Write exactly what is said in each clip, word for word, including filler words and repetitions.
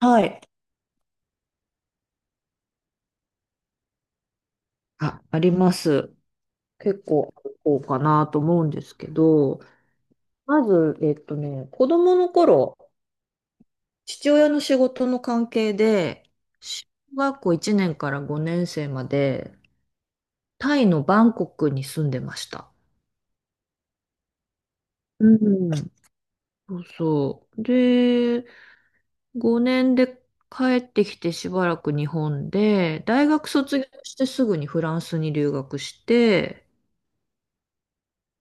はい。あ、あります。結構ある方かなと思うんですけど、まず、えっとね、子供の頃、父親の仕事の関係で、小学校いちねんからごねん生まで、タイのバンコクに住んでました。うん。そうそう。で、ごねんで帰ってきてしばらく日本で、大学卒業してすぐにフランスに留学して、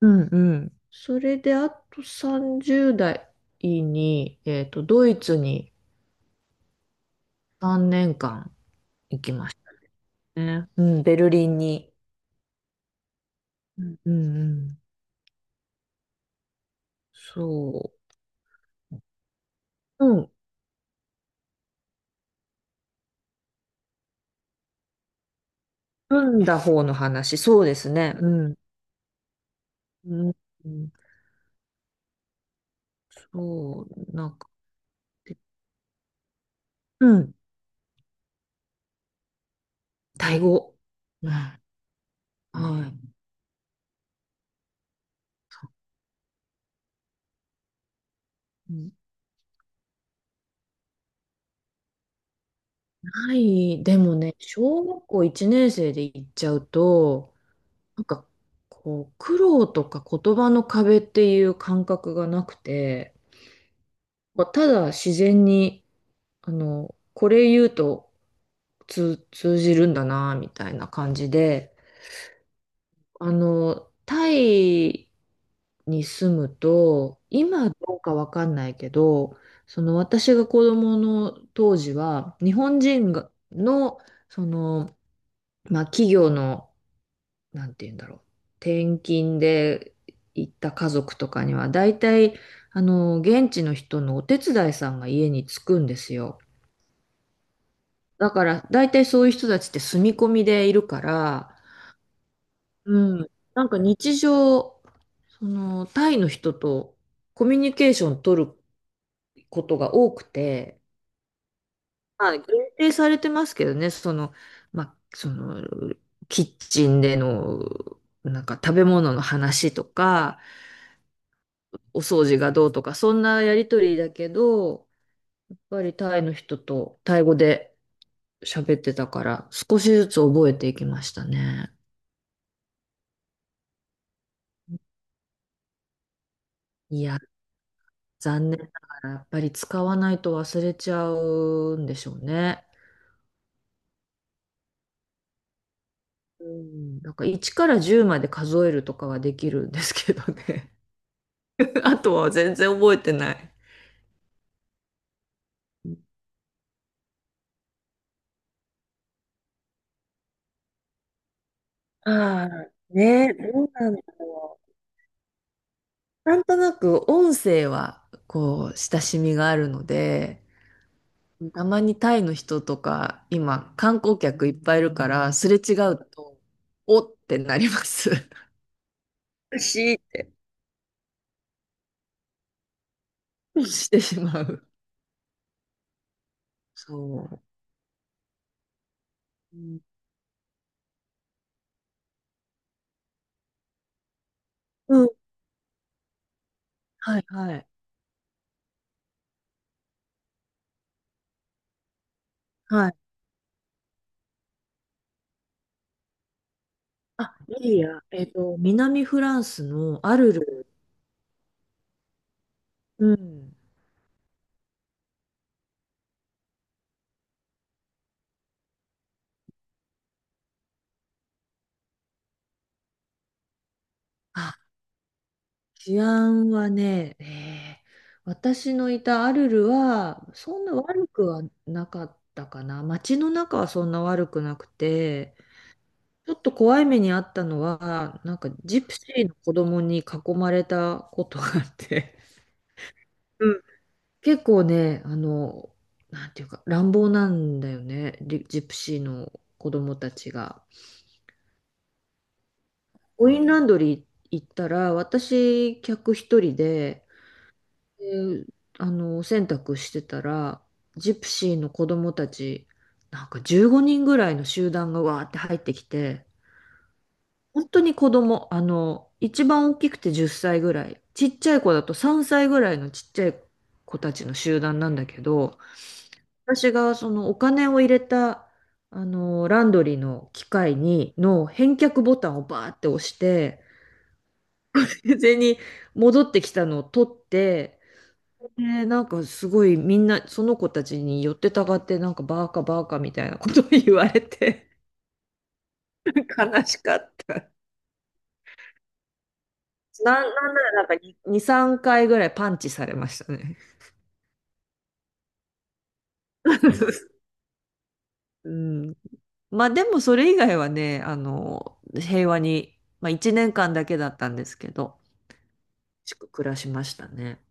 うんうん。それで、あとさんじゅう代に、えっと、ドイツにさんねんかん行きましたね。うん、ベルリンに。うんうんうん。そう。うん。組んだ方の話、そうですね。うん。うん。うんそう。なんか、うん。タイ語。うん。はい。ない。でもね、小学校いちねん生で行っちゃうと、なんか、こう、苦労とか言葉の壁っていう感覚がなくて、まあただ自然に、あの、これ言うと通、通じるんだな、みたいな感じで、あの、タイに住むと、今どうかわかんないけど、その私が子供の当時は、日本人がの、その、まあ、企業のなんて言うんだろう。転勤で行った家族とかには、大体、あの、現地の人のお手伝いさんが家に着くんですよ。だから、大体そういう人たちって住み込みでいるから、うん。なんか日常、その、タイの人とコミュニケーション取ることが多くて、まあ、限定されてますけどね、その、まあ、その、キッチンでの、なんか食べ物の話とか、お掃除がどうとか、そんなやりとりだけど、やっぱりタイの人とタイ語で喋ってたから、少しずつ覚えていきましたね。いや、残念ながら、やっぱり使わないと忘れちゃうんでしょうね。うん、なんかいちからじゅうまで数えるとかはできるんですけどね。あとは全然覚えてない。ああ、ね、どうなんだろう。なんとなく音声はこう親しみがあるので、たまにタイの人とか、今、観光客いっぱいいるから、すれ違うと、おってなります。美味しいって。してしまう。そう。うんうん。はいはい。はい。あ、いいや。えっと、南フランスのアルル。うん。あ、治安はね、えー私のいたアルルは、そんな悪くはなかったかな。街の中はそんな悪くなくて、ちょっと怖い目にあったのは、なんかジプシーの子供に囲まれたことがあって、うん。結構ね、あの、なんていうか、乱暴なんだよね、リジプシーの子供たちが。コインランドリー行ったら、私、客一人で、で、あの、お洗濯してたら、ジプシーの子供たち、なんかじゅうごにんぐらいの集団がわーって入ってきて、本当に子供、あの、一番大きくてじゅっさいぐらい、ちっちゃい子だとさんさいぐらいのちっちゃい子たちの集団なんだけど、私がそのお金を入れた、あの、ランドリーの機械に、の返却ボタンをバーって押して、に戻ってきたのを取って、で、なんかすごいみんな、その子たちに寄ってたがって、なんかバーカバーカみたいなことを言われて、悲しかった。なん、なんならなんかに、に さんかいぐらいパンチされましたね。うん。まあでもそれ以外はね、あの、平和に、まあいちねんかんだけだったんですけど、しく暮らしましたね。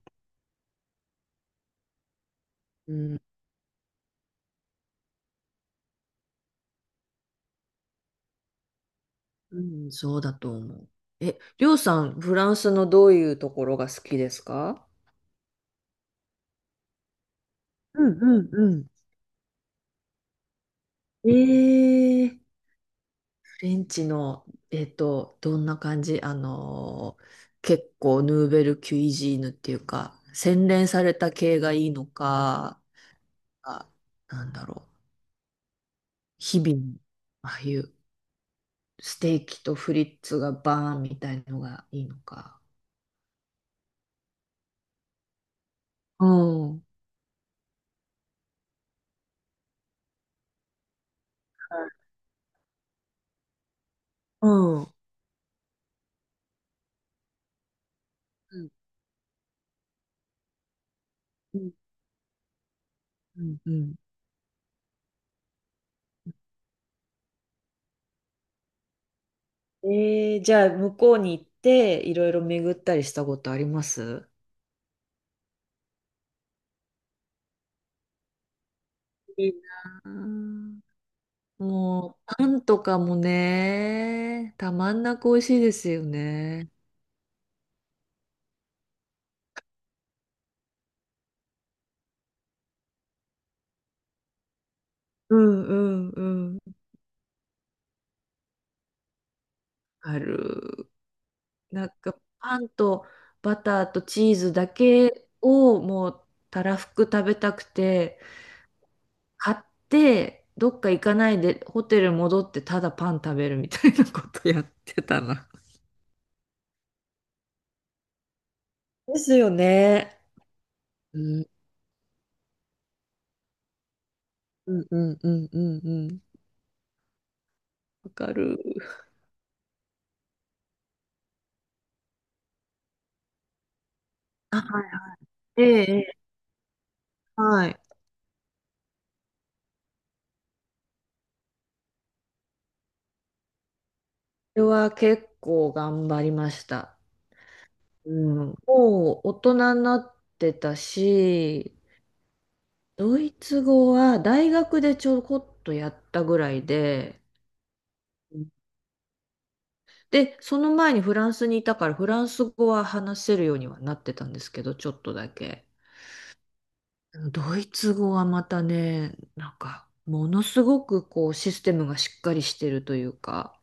うん、うん、そうだと思う。え、りょうさん、フランスのどういうところが好きですか？うんうんうん。えー。ベンチの、えっと、どんな感じあのー、結構ヌーベル・キュイジーヌっていうか、洗練された系がいいのか、あ、なんだろう。日々、ああいうステーキとフリッツがバーンみたいのがいいのか。うん。うん。うん。うんうんうん。えー、じゃあ、向こうに行って、いろいろ巡ったりしたことあります？いいなあ。もう、パンとかもね、たまんなく美味しいですよね。うんうんうん。ある。なんか、パンとバターとチーズだけをもう、たらふく食べたくて、買って、どっか行かないで、ホテル戻って、ただパン食べるみたいなことやってたな。ですよね。うん、うん、うん、うん、うん。うん。わかる。あ、ええ、ええ。はい。それは結構頑張りました。うん、もう大人になってたし、ドイツ語は大学でちょこっとやったぐらいで、で、その前にフランスにいたからフランス語は話せるようにはなってたんですけど、ちょっとだけ。ドイツ語はまたね、なんか、ものすごくこうシステムがしっかりしてるというか、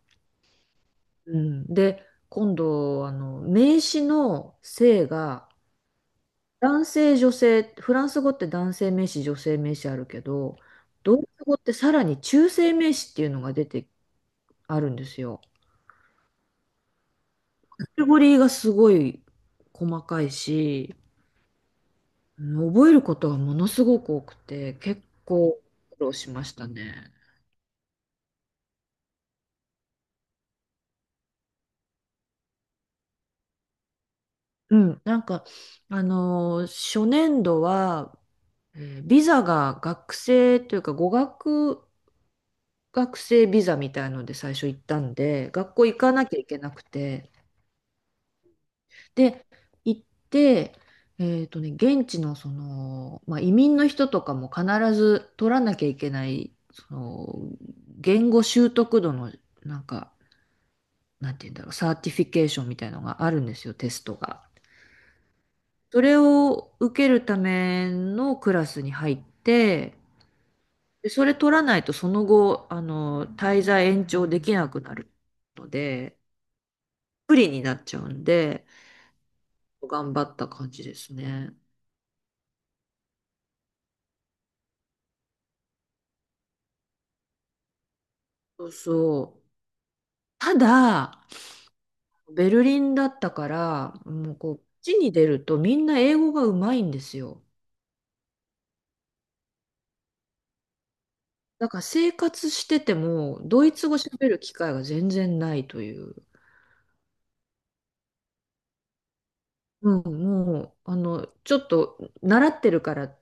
うん。で、今度、あの、名詞の性が、男性、女性、フランス語って男性名詞、女性名詞あるけど、ドイツ語ってさらに中性名詞っていうのが出てあるんですよ。カテゴリーがすごい細かいし、うん。覚えることがものすごく多くて、結構苦労しましたね。うん、なんか、あのー、初年度は、えービザが学生というか語学学生ビザみたいので最初行ったんで、学校行かなきゃいけなくて、で、行って、えっとね、現地のその、まあ、移民の人とかも必ず取らなきゃいけない、その、言語習得度の、なんか、なんて言うんだろう、サーティフィケーションみたいのがあるんですよ、テストが。それを受けるためのクラスに入って、でそれ取らないとその後、あの、滞在延長できなくなるので、不利になっちゃうんで、頑張った感じですね。そうそう。ただ、ベルリンだったから、もうこう、街に出るとみんな英語がうまいんですよ。だから生活してても、ドイツ語喋る機会が全然ないという。うん、もう、あの、ちょっと習ってるから、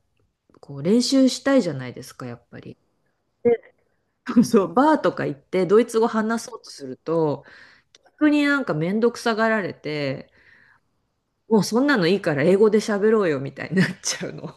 こう、練習したいじゃないですか、やっぱり。で、そう、バーとか行って、ドイツ語話そうとすると、逆になんかめんどくさがられて、もうそんなのいいから英語で喋ろうよ、みたいになっちゃうの。